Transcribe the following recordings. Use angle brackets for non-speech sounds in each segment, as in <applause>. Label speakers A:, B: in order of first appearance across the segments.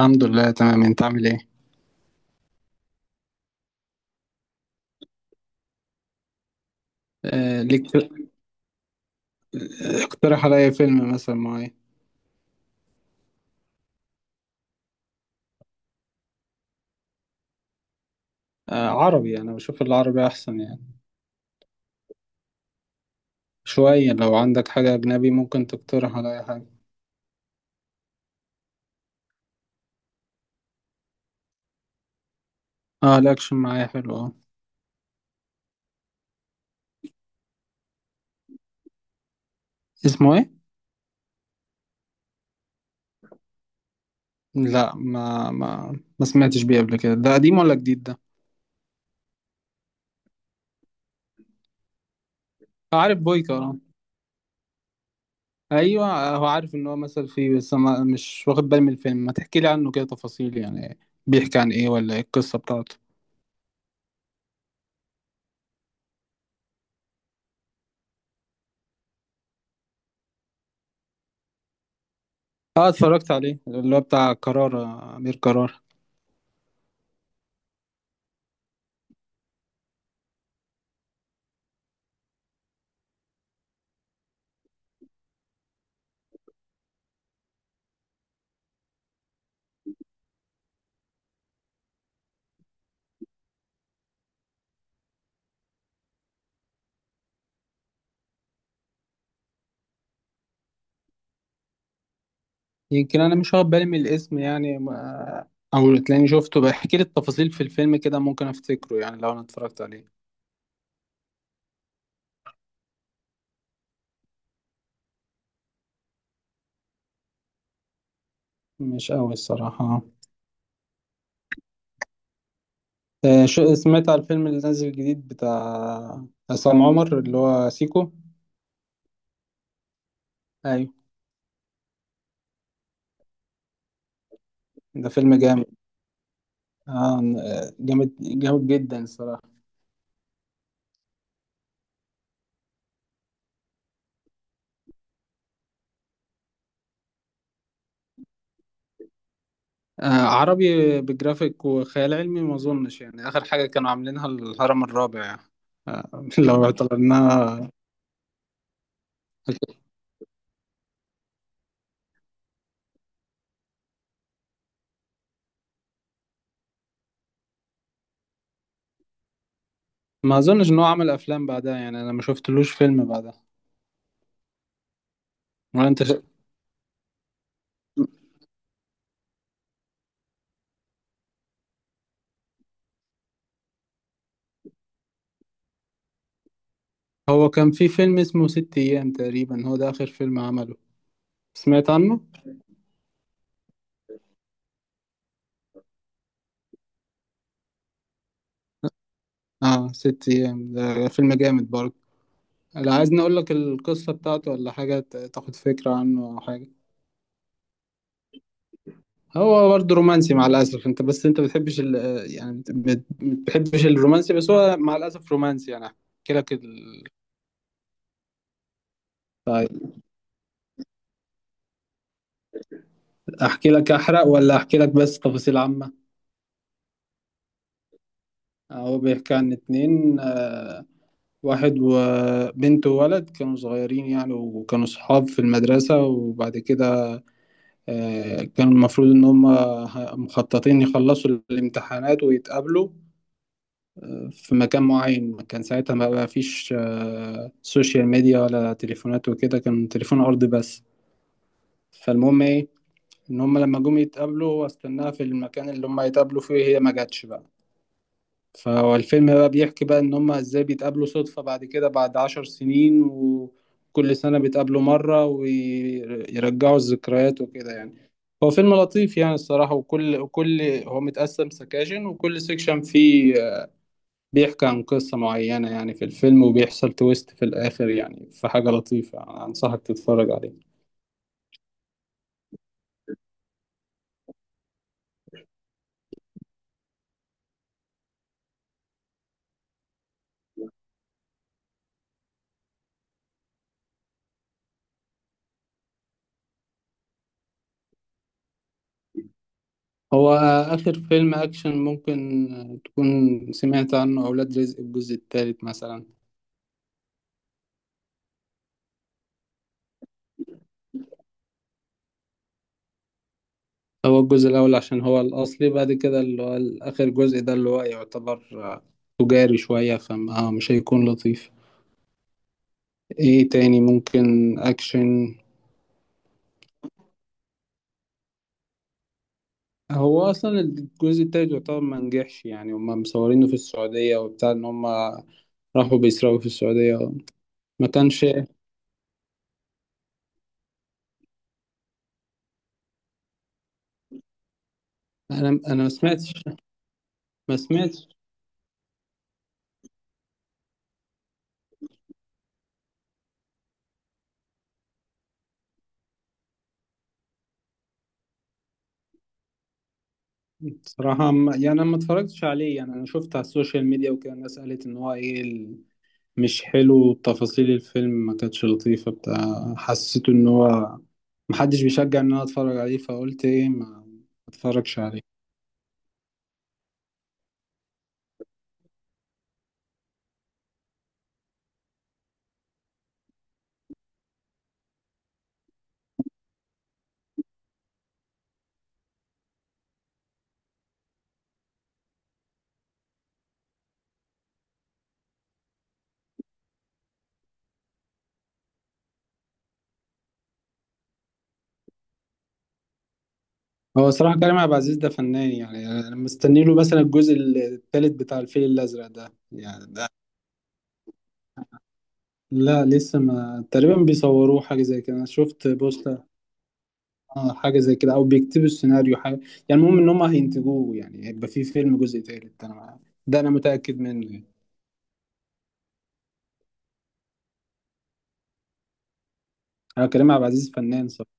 A: الحمد لله تمام، انت عامل ايه؟ آه ليك. اقترح عليا فيلم مثلا معين. عربي، انا بشوف العربي احسن يعني. شوية، لو عندك حاجة اجنبي ممكن تقترح عليا حاجة. اه، الاكشن معايا حلو، اه. اسمه ايه؟ لا، ما سمعتش بيه قبل كده، ده قديم ولا جديد ده؟ عارف بويكا، اه. ايوه، هو عارف ان هو مثل فيه، بس ما مش واخد بالي من الفيلم، ما تحكي لي عنه كده تفاصيل يعني. بيحكي عن ايه ولا ايه القصة بتاعته؟ اه، اتفرجت عليه، اللي هو بتاع قرار، امير قرار. يمكن انا مش واخد بالي من الاسم يعني او تلاقيني شفته، بحكي لي التفاصيل في الفيلم كده، ممكن افتكره يعني لو انا اتفرجت عليه. مش قوي الصراحة. شو سمعت على الفيلم اللي نازل جديد بتاع عصام عمر اللي هو سيكو؟ ايوه. ده فيلم جامد. آه، جامد جامد جدا الصراحة. عربي بجرافيك وخيال علمي ما اظنش، يعني اخر حاجة كانوا عاملينها الهرم الرابع يعني. آه، <laughs> لو اعتبرناها. ما اظنش ان هو عمل افلام بعدها، يعني انا ما شفتلوش فيلم بعدها. ولا انت؟ هو كان في فيلم اسمه ست أيام، تقريبا هو ده آخر فيلم عمله. سمعت عنه؟ اه، ست أيام ده فيلم جامد برضه. لو عايزني أقول لك القصة بتاعته ولا حاجة، تاخد فكرة عنه أو حاجة. هو برضه رومانسي مع الأسف، أنت بس أنت بتحبش يعني، بتحبش الرومانسي، بس هو مع الأسف رومانسي، يعني أحكي لك طيب، أحكي لك أحرق ولا أحكي لك بس تفاصيل عامة؟ هو بيحكي عن اتنين، واحد وبنت وولد كانوا صغيرين يعني، وكانوا صحاب في المدرسة، وبعد كده كانوا المفروض إن هم مخططين يخلصوا الامتحانات ويتقابلوا في مكان معين. كان ساعتها ما بقى فيش سوشيال ميديا ولا تليفونات وكده، كان تليفون أرضي بس. فالمهم إيه، إن هم لما جم يتقابلوا هو استناها في المكان اللي هم يتقابلوا فيه، هي ما جاتش بقى. فهو الفيلم بقى بيحكي بقى ان هما ازاي بيتقابلوا صدفة بعد كده، بعد 10 سنين، وكل سنة بيتقابلوا مرة ويرجعوا الذكريات وكده يعني. هو فيلم لطيف يعني الصراحة، وكل هو متقسم سكاشن، وكل سكشن فيه بيحكي عن قصة معينة يعني في الفيلم، وبيحصل تويست في الآخر، يعني في حاجة لطيفة، أنصحك تتفرج عليه. هو آخر فيلم أكشن ممكن تكون سمعت عنه أولاد رزق الجزء الثالث مثلا. هو الجزء الأول عشان هو الأصلي، بعد كده اللي هو آخر جزء ده اللي هو يعتبر تجاري شوية، فمش هيكون لطيف. إيه تاني ممكن أكشن؟ هو أصلا الجزء التالت يعتبر ما نجحش، يعني هما مصورينه في السعودية وبتاع إن هما راحوا بيسرقوا في السعودية. ما كانش. أنا ما سمعتش. ما سمعتش. بصراحة يعني أنا ما اتفرجتش عليه، يعني أنا شفت على السوشيال ميديا وكده، الناس قالت إن هو إيه، مش حلو، تفاصيل الفيلم ما كانتش لطيفة بتاع، حسيت ان هو محدش بيشجع ان انا اتفرج عليه، فقلت ايه ما ما اتفرجش عليه. هو صراحة كريم عبد العزيز ده فنان، يعني انا مستني له مثلا الجزء الثالث بتاع الفيل الازرق ده، يعني ده لا لسه، ما تقريبا بيصوروه حاجة زي كده، انا شفت بوستر. اه، حاجة زي كده او بيكتبوا السيناريو حاجة. يعني المهم ان هم هينتجوه، يعني هيبقى فيه فيلم جزء ثالث، انا ده انا متأكد منه يعني. انا كريم عبد العزيز فنان صراحة.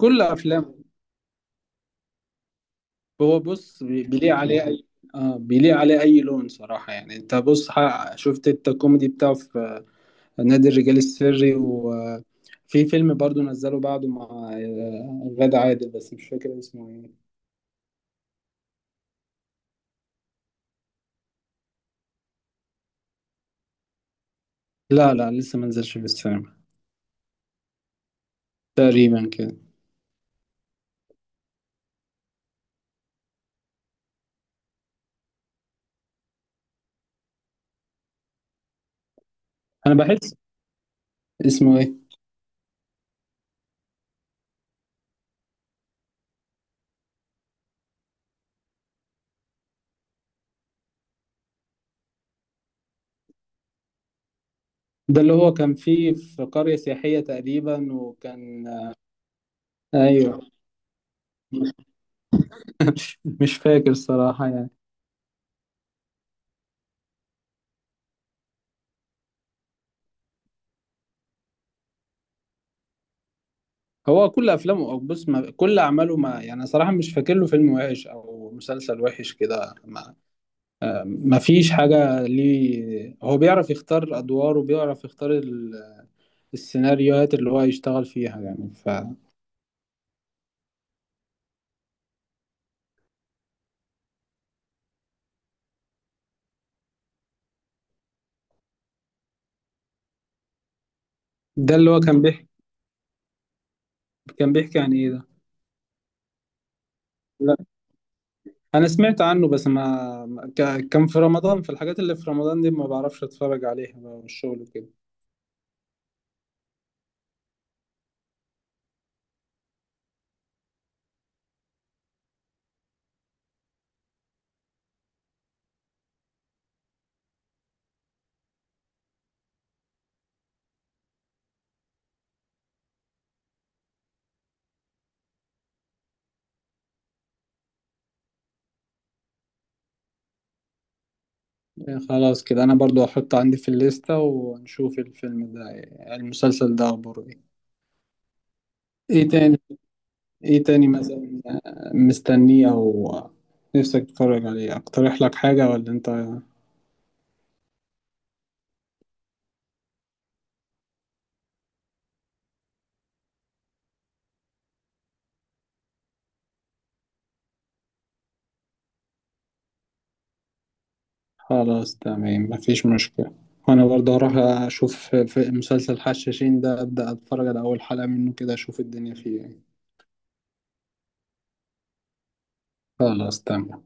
A: كل افلامه، هو بص بيليق عليه اي. اه، بيليق عليه اي لون صراحه، يعني انت بص شفت انت الكوميدي بتاعه في نادي الرجال السري، وفي فيلم برضو نزله بعده مع غادة عادل، بس مش فاكر اسمه ايه. لا لا، لسه ما نزلش في السينما. تقريبا كده. انا بحس. اسمه ايه؟ ده اللي هو كان فيه في قريه سياحيه تقريبا، وكان ايوه. مش مش فاكر صراحه يعني. هو كل افلامه او بص ما كل اعماله، ما يعني صراحه مش فاكر له فيلم وحش او مسلسل وحش كده، ما فيش حاجه ليه، هو بيعرف يختار ادواره وبيعرف يختار السيناريوهات اللي هو يشتغل فيها يعني فده. اللي هو كان بيحكي كان بيحكي عن ايه ده؟ لا، انا سمعت عنه بس كان في رمضان، في الحاجات اللي في رمضان دي ما بعرفش اتفرج عليها بقى، والشغل وكده. يعني خلاص كده انا برضو هحطه عندي في الليسته ونشوف الفيلم ده. المسلسل ده اخباره ايه؟ ايه تاني؟ ايه تاني مثلا؟ مستنيه او نفسك تتفرج عليه اقترح لك حاجة ولا انت؟ خلاص تمام، مفيش مشكلة. وانا برضه هروح اشوف في مسلسل حشاشين ده، ابدا اتفرج على اول حلقة منه كده، اشوف الدنيا فيه ايه. خلاص تمام.